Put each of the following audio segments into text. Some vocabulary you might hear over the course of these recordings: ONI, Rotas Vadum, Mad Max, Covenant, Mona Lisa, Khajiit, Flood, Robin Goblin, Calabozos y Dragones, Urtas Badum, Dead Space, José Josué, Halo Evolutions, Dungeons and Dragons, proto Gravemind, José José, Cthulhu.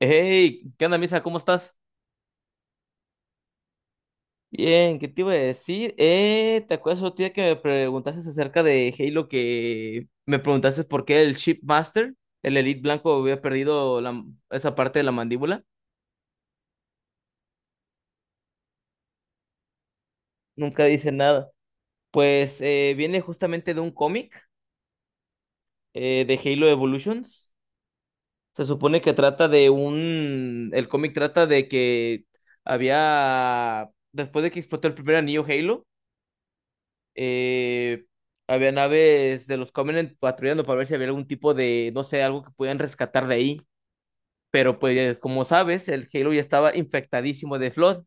Hey, ¿qué onda, Misa? ¿Cómo estás? Bien, ¿qué te iba a decir? ¿Te acuerdas otro día que me preguntaste acerca de Halo, que me preguntaste por qué el Shipmaster, el Elite Blanco, había perdido esa parte de la mandíbula? Nunca dice nada. Pues viene justamente de un cómic, de Halo Evolutions. Se supone que trata de El cómic trata de que después de que explotó el primer anillo Halo, Eh, había naves de los Covenant patrullando para ver si había algún tipo de, no sé, algo que pudieran rescatar de ahí. Pero pues, como sabes, el Halo ya estaba infectadísimo de Flood.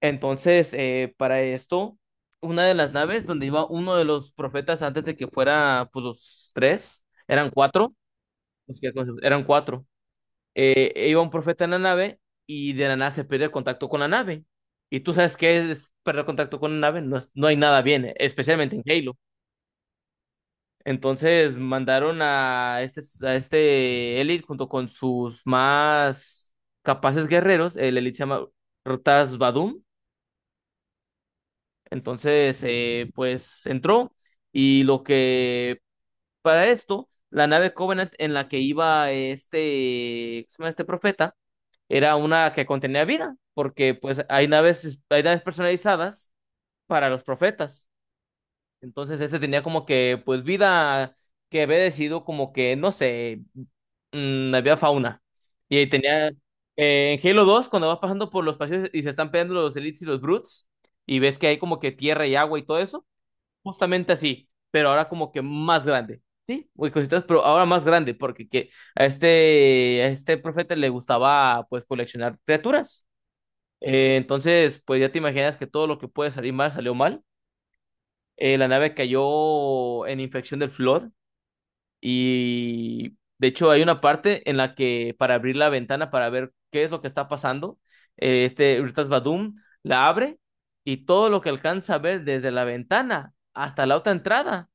Entonces, para esto, una de las naves donde iba uno de los profetas antes de que fuera, pues los tres, eran cuatro, los que- eran cuatro. E iba un profeta en la nave y de la nada se pierde el contacto con la nave. Y tú sabes qué es perder contacto con la nave, no, no hay nada bien, especialmente en Halo. Entonces mandaron a este Elite junto con sus más capaces guerreros. El Elite se llama Rotas Vadum. Entonces, pues entró. Y lo que, para esto, la nave Covenant en la que iba este, ¿cómo se llama este profeta? Era una que contenía vida. Porque pues hay naves personalizadas para los profetas. Entonces, este tenía como que pues vida que había decidido como que, no sé, había fauna. Y ahí tenía, en Halo 2, cuando vas pasando por los pasillos y se están peleando los Elites y los Brutes, y ves que hay como que tierra y agua y todo eso, justamente así, pero ahora como que más grande. Sí, muy cositas, pero ahora más grande, porque que a este profeta le gustaba pues coleccionar criaturas. Entonces, pues ya te imaginas que todo lo que puede salir mal salió mal. La nave cayó en infección del flor, y de hecho hay una parte en la que para abrir la ventana para ver qué es lo que está pasando, este Urtas Badum la abre, y todo lo que alcanza a ver desde la ventana hasta la otra entrada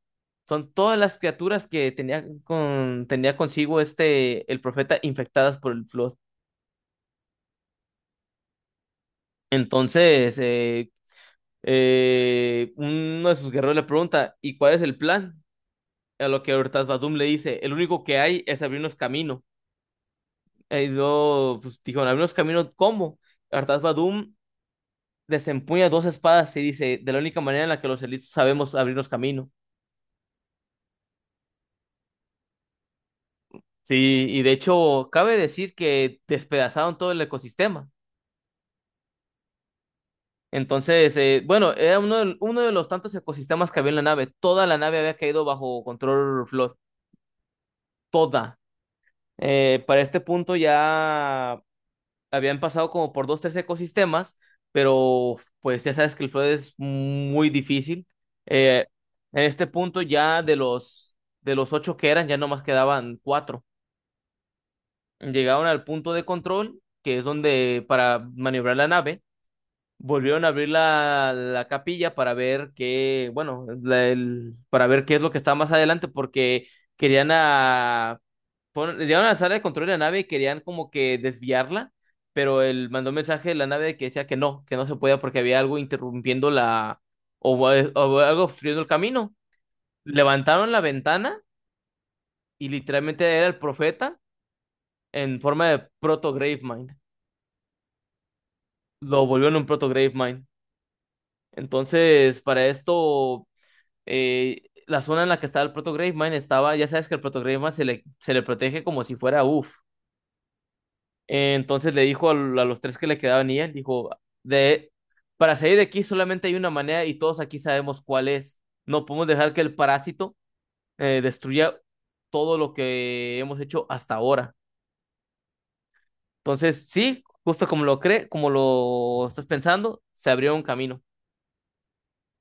son todas las criaturas que tenía con, tenía consigo este el profeta, infectadas por el flor. Entonces, uno de sus guerreros le pregunta, ¿y cuál es el plan? A lo que Urtas Badum le dice, el único que hay es abrirnos camino. Ha ido, pues dijo, en algunos caminos, ¿cómo? Artax Badum desempuña dos espadas y dice, de la única manera en la que los elitos sabemos abrirnos camino. Sí, y de hecho, cabe decir que despedazaron todo el ecosistema. Entonces, bueno, era uno de los tantos ecosistemas que había en la nave. Toda la nave había caído bajo control Flor. Toda. Para este punto ya habían pasado como por dos, tres ecosistemas, pero pues ya sabes que el Flood es muy difícil. Eh, en este punto ya de los ocho que eran, ya nomás quedaban cuatro. Llegaron al punto de control, que es donde para maniobrar la nave, volvieron a abrir la capilla para ver qué, bueno, para ver qué es lo que está más adelante, porque querían a llegaron a la sala de control de la nave y querían como que desviarla, pero él mandó un mensaje de la nave que decía que no se podía porque había algo interrumpiendo la, o algo obstruyendo el camino. Levantaron la ventana y literalmente era el profeta en forma de proto Gravemind. Lo volvieron un proto Gravemind. Entonces, para esto, la zona en la que estaba el proto Gravemind estaba, ya sabes que el proto Gravemind se le protege como si fuera uff. Entonces le dijo a los tres que le quedaban, y él dijo, de, para salir de aquí solamente hay una manera y todos aquí sabemos cuál es. No podemos dejar que el parásito destruya todo lo que hemos hecho hasta ahora. Entonces, sí, justo como lo cree, como lo estás pensando, se abrió un camino.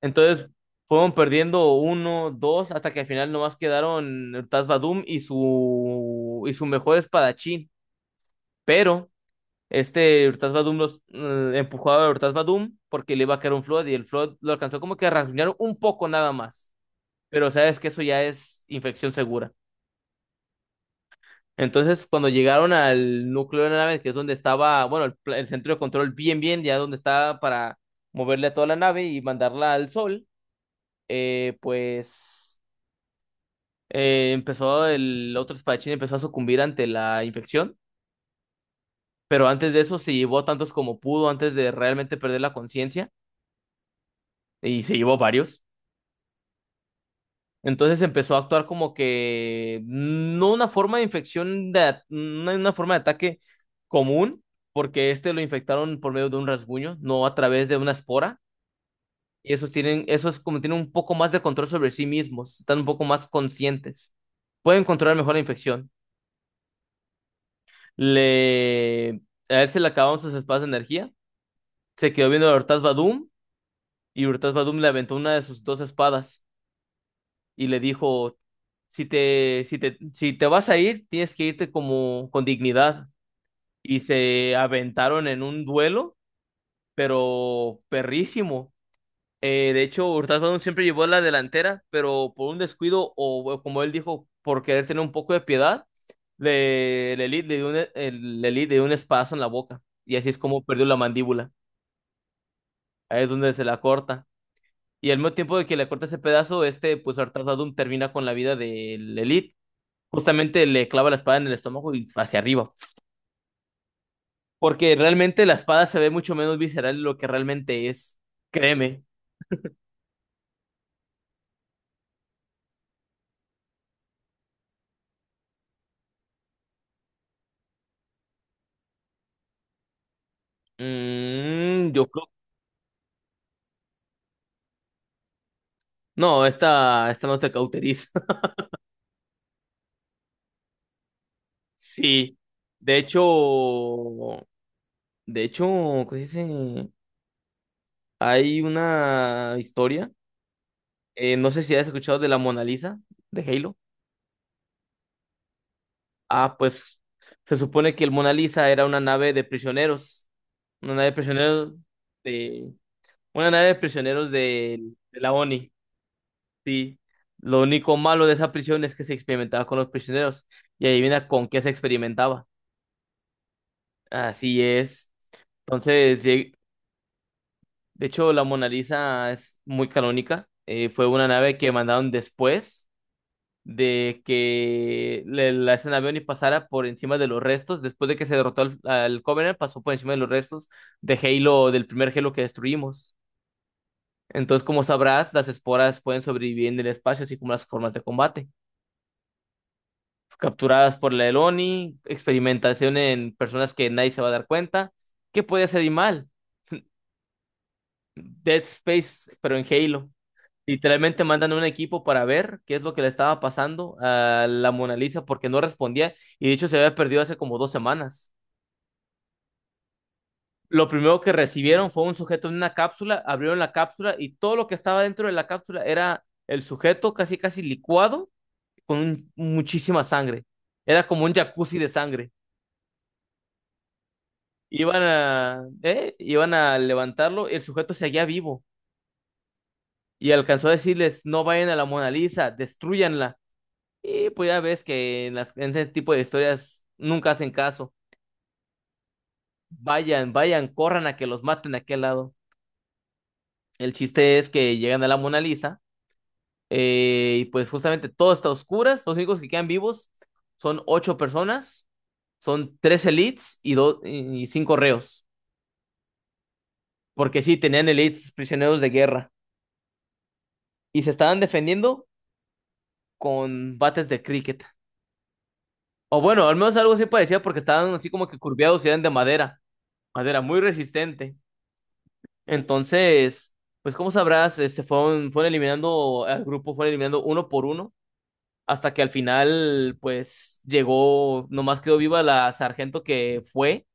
Entonces, fueron perdiendo uno, dos, hasta que al final nomás quedaron el Taz Vadum y y su mejor espadachín. Pero este Urtas Badum los empujó a Urtas Badum porque le iba a caer un Flood y el Flood lo alcanzó como que a rasguñar un poco nada más. Pero sabes que eso ya es infección segura. Entonces, cuando llegaron al núcleo de la nave, que es donde estaba, bueno, el centro de control bien, bien, ya donde estaba para moverle a toda la nave y mandarla al sol, pues empezó el otro espadachín, empezó a sucumbir ante la infección. Pero antes de eso se llevó a tantos como pudo antes de realmente perder la conciencia, y se llevó varios. Entonces empezó a actuar como que no una forma de infección, de, una forma de ataque común, porque este lo infectaron por medio de un rasguño, no a través de una espora. Y esos tienen, esos como tienen un poco más de control sobre sí mismos, están un poco más conscientes. Pueden controlar mejor la infección. Le, a él se le acabaron sus espadas de energía. Se quedó viendo a Urtas Badum y Urtas Badum le aventó una de sus dos espadas, y le dijo, si te vas a ir, tienes que irte como con dignidad. Y se aventaron en un duelo, pero perrísimo. De hecho, Hurtado Brown siempre llevó la delantera, pero por un descuido o como él dijo, por querer tener un poco de piedad, le, li- le dio un, el- le li- le dio un espadazo en la boca. Y así es como perdió la mandíbula. Ahí es donde se la corta. Y al mismo tiempo de que le corta ese pedazo, este, pues Artasadum termina con la vida del Elite. Justamente le clava la espada en el estómago y hacia arriba. Porque realmente la espada se ve mucho menos visceral de lo que realmente es. Créeme. Mm, yo creo. No, esta no te cauteriza. Sí. De hecho. De hecho, ¿cómo se dice? Hay una historia. No sé si has escuchado de la Mona Lisa de Halo. Ah, pues se supone que el Mona Lisa era una nave de prisioneros. Una nave de prisioneros de, Una nave de prisioneros de la ONI, sí. Lo único malo de esa prisión es que se experimentaba con los prisioneros. Y adivina con qué se experimentaba. Así es. Entonces, de hecho, la Mona Lisa es muy canónica. Fue una nave que mandaron después de que le- la esa nave ONI pasara por encima de los restos. Después de que se derrotó al Covenant, pasó por encima de los restos de Halo, del primer Halo que destruimos. Entonces, como sabrás, las esporas pueden sobrevivir en el espacio, así como las formas de combate. Capturadas por la Eloni, experimentación en personas que nadie se va a dar cuenta. ¿Qué puede hacer y mal? Dead Space, pero en Halo. Literalmente mandan un equipo para ver qué es lo que le estaba pasando a la Mona Lisa porque no respondía, y de hecho se había perdido hace como 2 semanas. Lo primero que recibieron fue un sujeto en una cápsula, abrieron la cápsula y todo lo que estaba dentro de la cápsula era el sujeto casi casi licuado con muchísima sangre. Era como un jacuzzi de sangre. ¿Eh? Iban a levantarlo, el sujeto seguía vivo y alcanzó a decirles, no vayan a la Mona Lisa, destrúyanla. Y pues ya ves que en ese tipo de historias nunca hacen caso. Vayan, vayan, corran a que los maten a aquel lado. El chiste es que llegan a la Mona Lisa, y pues justamente todo está a oscuras, los únicos que quedan vivos son ocho personas, son tres elites y cinco reos. Porque sí, tenían elites prisioneros de guerra y se estaban defendiendo con bates de cricket. O bueno, al menos algo así parecía porque estaban así como que curviados y eran de madera, madera muy resistente. Entonces, pues como sabrás, este, fueron, fueron eliminando al grupo, fueron eliminando uno por uno hasta que al final, pues llegó, nomás quedó viva la sargento que fue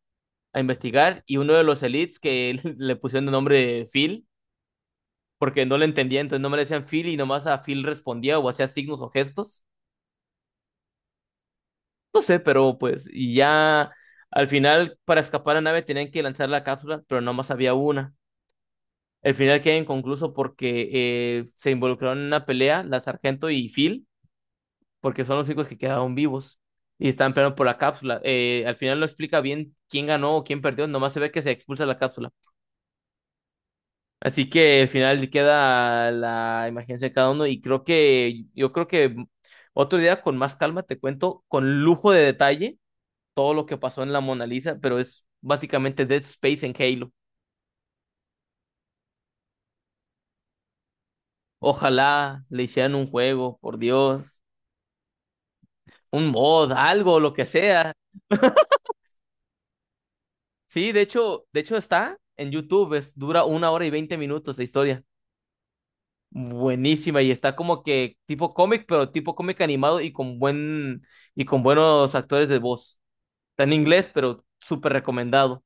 a investigar y uno de los elites que le pusieron de nombre Phil porque no le entendía, entonces no me le decían Phil, y nomás a Phil respondía o hacía signos o gestos. No sé, pero pues, y ya al final para escapar a la nave tenían que lanzar la cápsula, pero nomás había una. El final queda inconcluso porque se involucraron en una pelea, la sargento y Phil, porque son los únicos que quedaron vivos y estaban peleando por la cápsula. Al final no explica bien quién ganó o quién perdió, nomás se ve que se expulsa la cápsula. Así que al final queda la imaginación de cada uno y creo que yo creo que otro día con más calma te cuento con lujo de detalle todo lo que pasó en la Mona Lisa, pero es básicamente Dead Space en Halo. Ojalá le hicieran un juego, por Dios, un mod, algo, lo que sea. Sí, de hecho está en YouTube, dura una hora y veinte minutos la historia. Buenísima, y está como que tipo cómic, pero tipo cómic animado y con buenos actores de voz. Está en inglés, pero súper recomendado.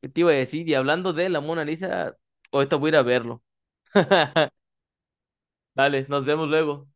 ¿Qué te iba a decir? Y hablando de la Mona Lisa, ahorita voy a ir a verlo. Dale, nos vemos luego.